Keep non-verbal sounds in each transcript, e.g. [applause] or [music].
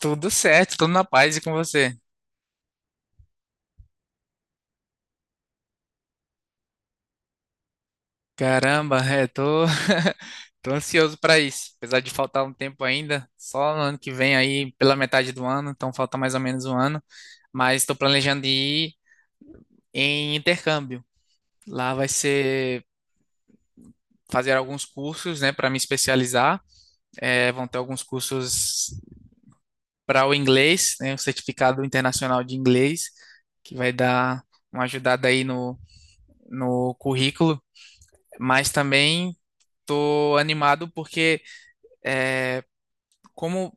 Tudo certo, tudo na paz e com você. Caramba, [laughs] tô ansioso para isso. Apesar de faltar um tempo ainda, só no ano que vem aí, pela metade do ano, então falta mais ou menos um ano. Mas estou planejando ir em intercâmbio. Lá vai ser fazer alguns cursos, né, para me especializar. É, vão ter alguns cursos para o inglês, né, o certificado internacional de inglês, que vai dar uma ajudada aí no, no currículo. Mas também tô animado porque, como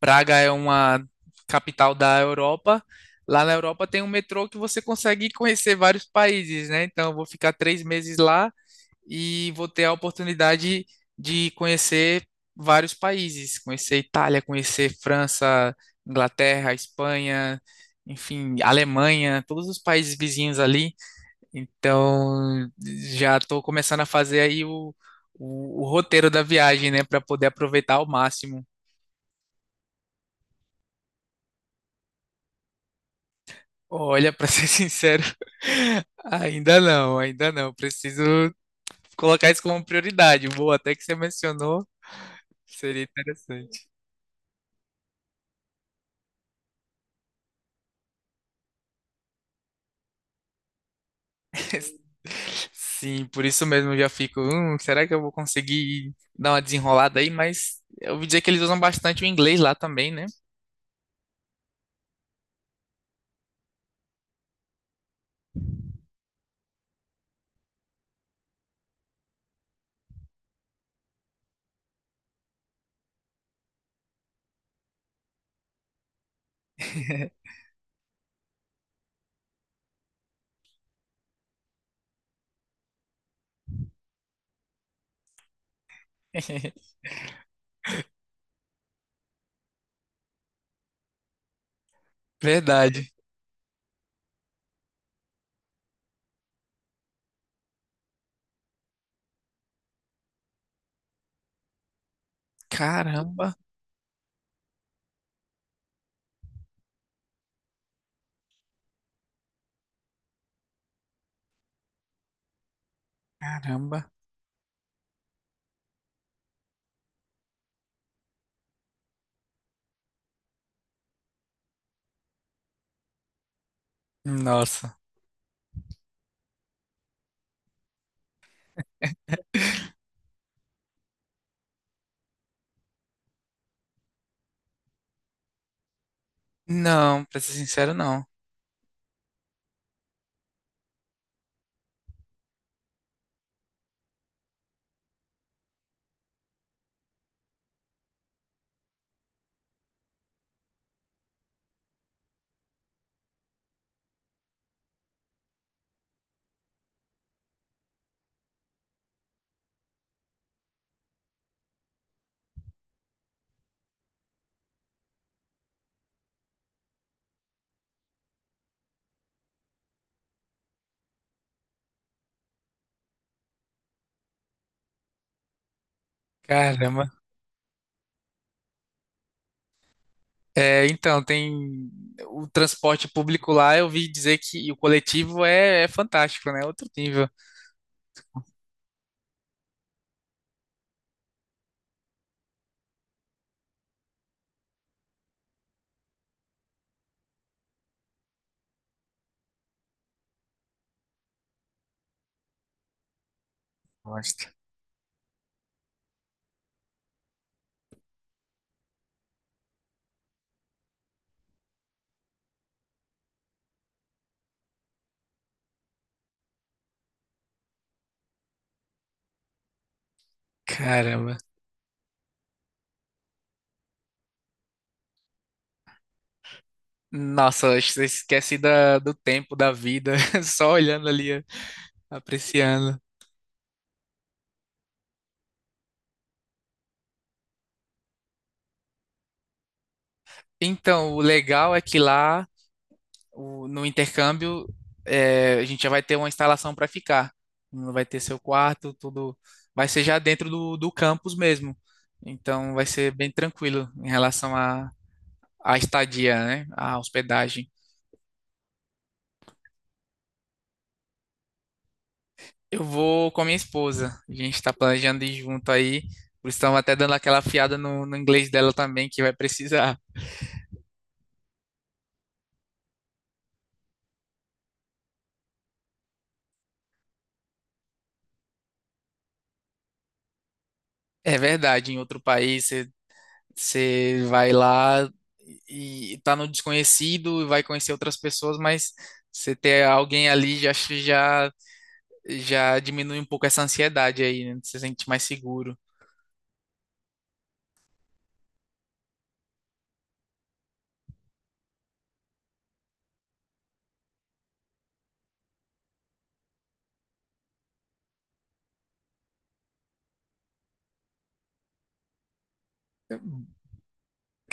Praga é uma capital da Europa, lá na Europa tem um metrô que você consegue conhecer vários países, né? Então, eu vou ficar 3 meses lá e vou ter a oportunidade de conhecer vários países, conhecer Itália, conhecer França, Inglaterra, Espanha, enfim, Alemanha, todos os países vizinhos ali. Então, já estou começando a fazer o roteiro da viagem, né, para poder aproveitar ao máximo. Olha, para [laughs] ser sincero, ainda não, ainda não. Preciso colocar isso como prioridade. Boa, até que você mencionou, seria interessante. [laughs] Sim, por isso mesmo eu já fico, será que eu vou conseguir dar uma desenrolada aí? Mas eu ouvi dizer que eles usam bastante o inglês lá também, né? [laughs] Verdade. Caramba, caramba. Nossa. Não, pra ser sincero, não. Caramba. É, então, tem o transporte público lá, eu vi dizer que e o coletivo é fantástico, né? Outro nível. Gosto. Caramba. Nossa, acho que você esquece do tempo, da vida, [laughs] só olhando ali, apreciando. Então, o legal é que lá no intercâmbio, a gente já vai ter uma instalação para ficar. Não vai ter seu quarto, tudo vai ser já dentro do campus mesmo. Então vai ser bem tranquilo em relação à estadia, né? À hospedagem. Eu vou com a minha esposa. A gente está planejando ir junto aí. Por isso estamos até dando aquela afiada no inglês dela também, que vai precisar. É verdade, em outro país você vai lá e tá no desconhecido e vai conhecer outras pessoas, mas você ter alguém ali já acho já já diminui um pouco essa ansiedade aí, né? Você se sente mais seguro.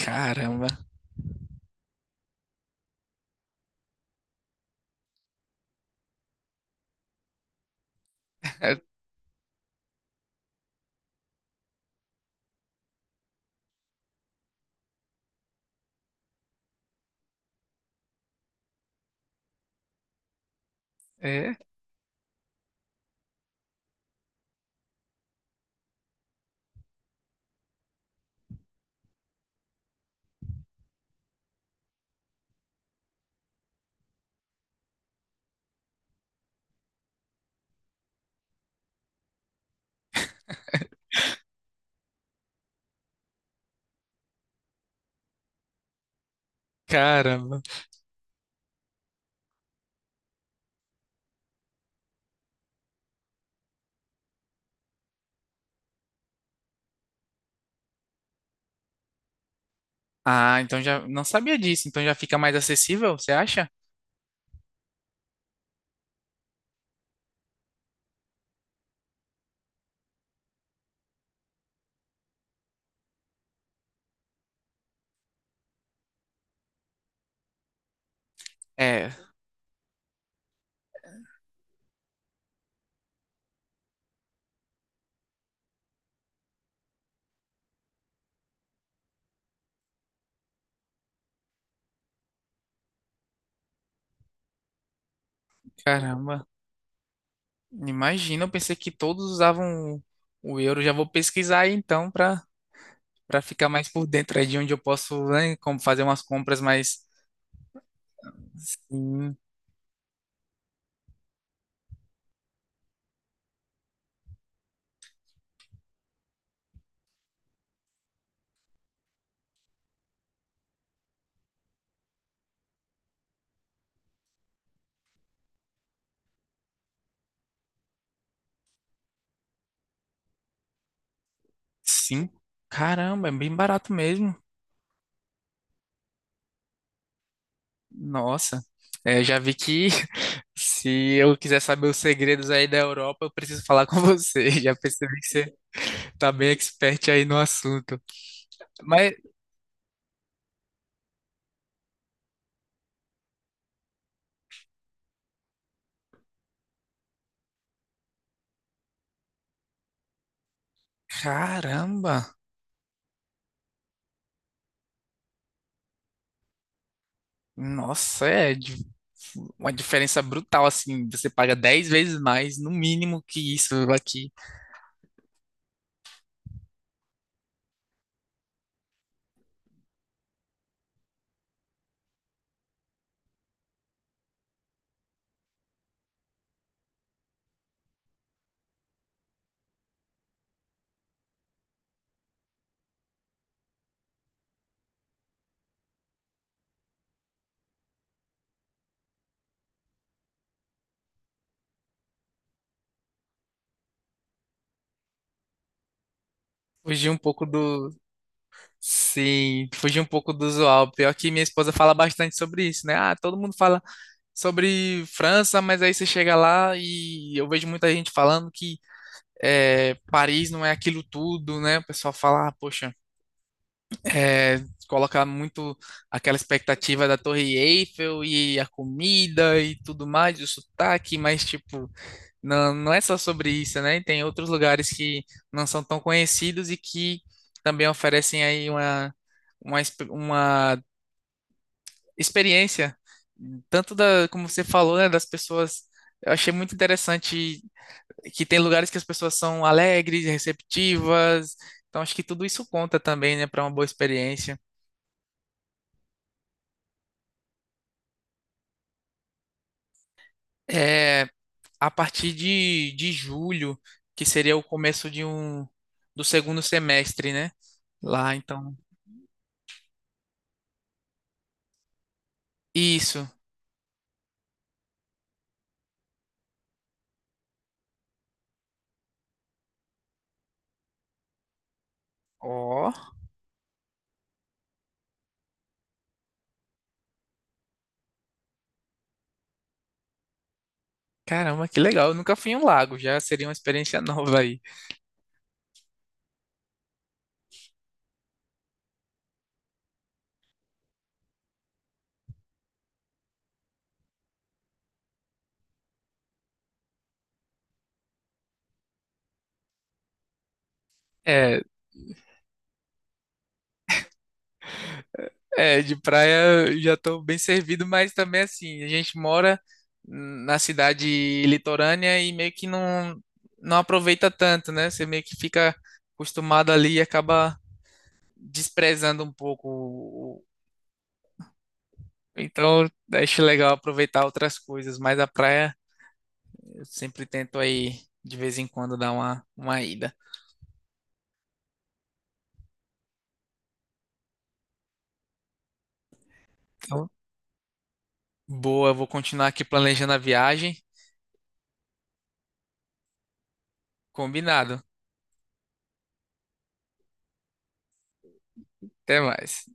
Caramba. É, é, caramba. Ah, então já não sabia disso, então já fica mais acessível, você acha? É, caramba. Imagina, eu pensei que todos usavam o euro. Já vou pesquisar aí então para ficar mais por dentro aí de onde eu posso, né, como fazer umas compras mais. Sim, sim. Caramba, é bem barato mesmo. Nossa. É, já vi que [laughs] se eu quiser saber os segredos aí da Europa, eu preciso falar com você. [laughs] Já percebi que você tá bem expert aí no assunto. Mas, caramba, nossa, uma diferença brutal, assim. Você paga 10 vezes mais, no mínimo, que isso aqui. Fugir um pouco do. Sim, fugir um pouco do usual. Pior que minha esposa fala bastante sobre isso, né? Ah, todo mundo fala sobre França, mas aí você chega lá e eu vejo muita gente falando que é, Paris não é aquilo tudo, né? O pessoal fala, ah, poxa, é, coloca muito aquela expectativa da Torre Eiffel e a comida e tudo mais, o sotaque, mas tipo, não, não é só sobre isso, né? Tem outros lugares que não são tão conhecidos e que também oferecem aí uma, exp- uma experiência, tanto da, como você falou, né, das pessoas. Eu achei muito interessante que tem lugares que as pessoas são alegres, receptivas. Então acho que tudo isso conta também, né, para uma boa experiência. É, a partir de julho, que seria o começo de um do segundo semestre, né? Lá, então. Isso. Ó, caramba, que legal. Eu nunca fui em um lago, já seria uma experiência [laughs] nova aí. É, É, de praia eu já estou bem servido, mas também assim, a gente mora na cidade litorânea e meio que não, não aproveita tanto, né? Você meio que fica acostumado ali e acaba desprezando um pouco. Então, acho legal aproveitar outras coisas, mas a praia eu sempre tento aí de vez em quando dar uma ida. Então, boa, eu vou continuar aqui planejando a viagem. Combinado. Até mais.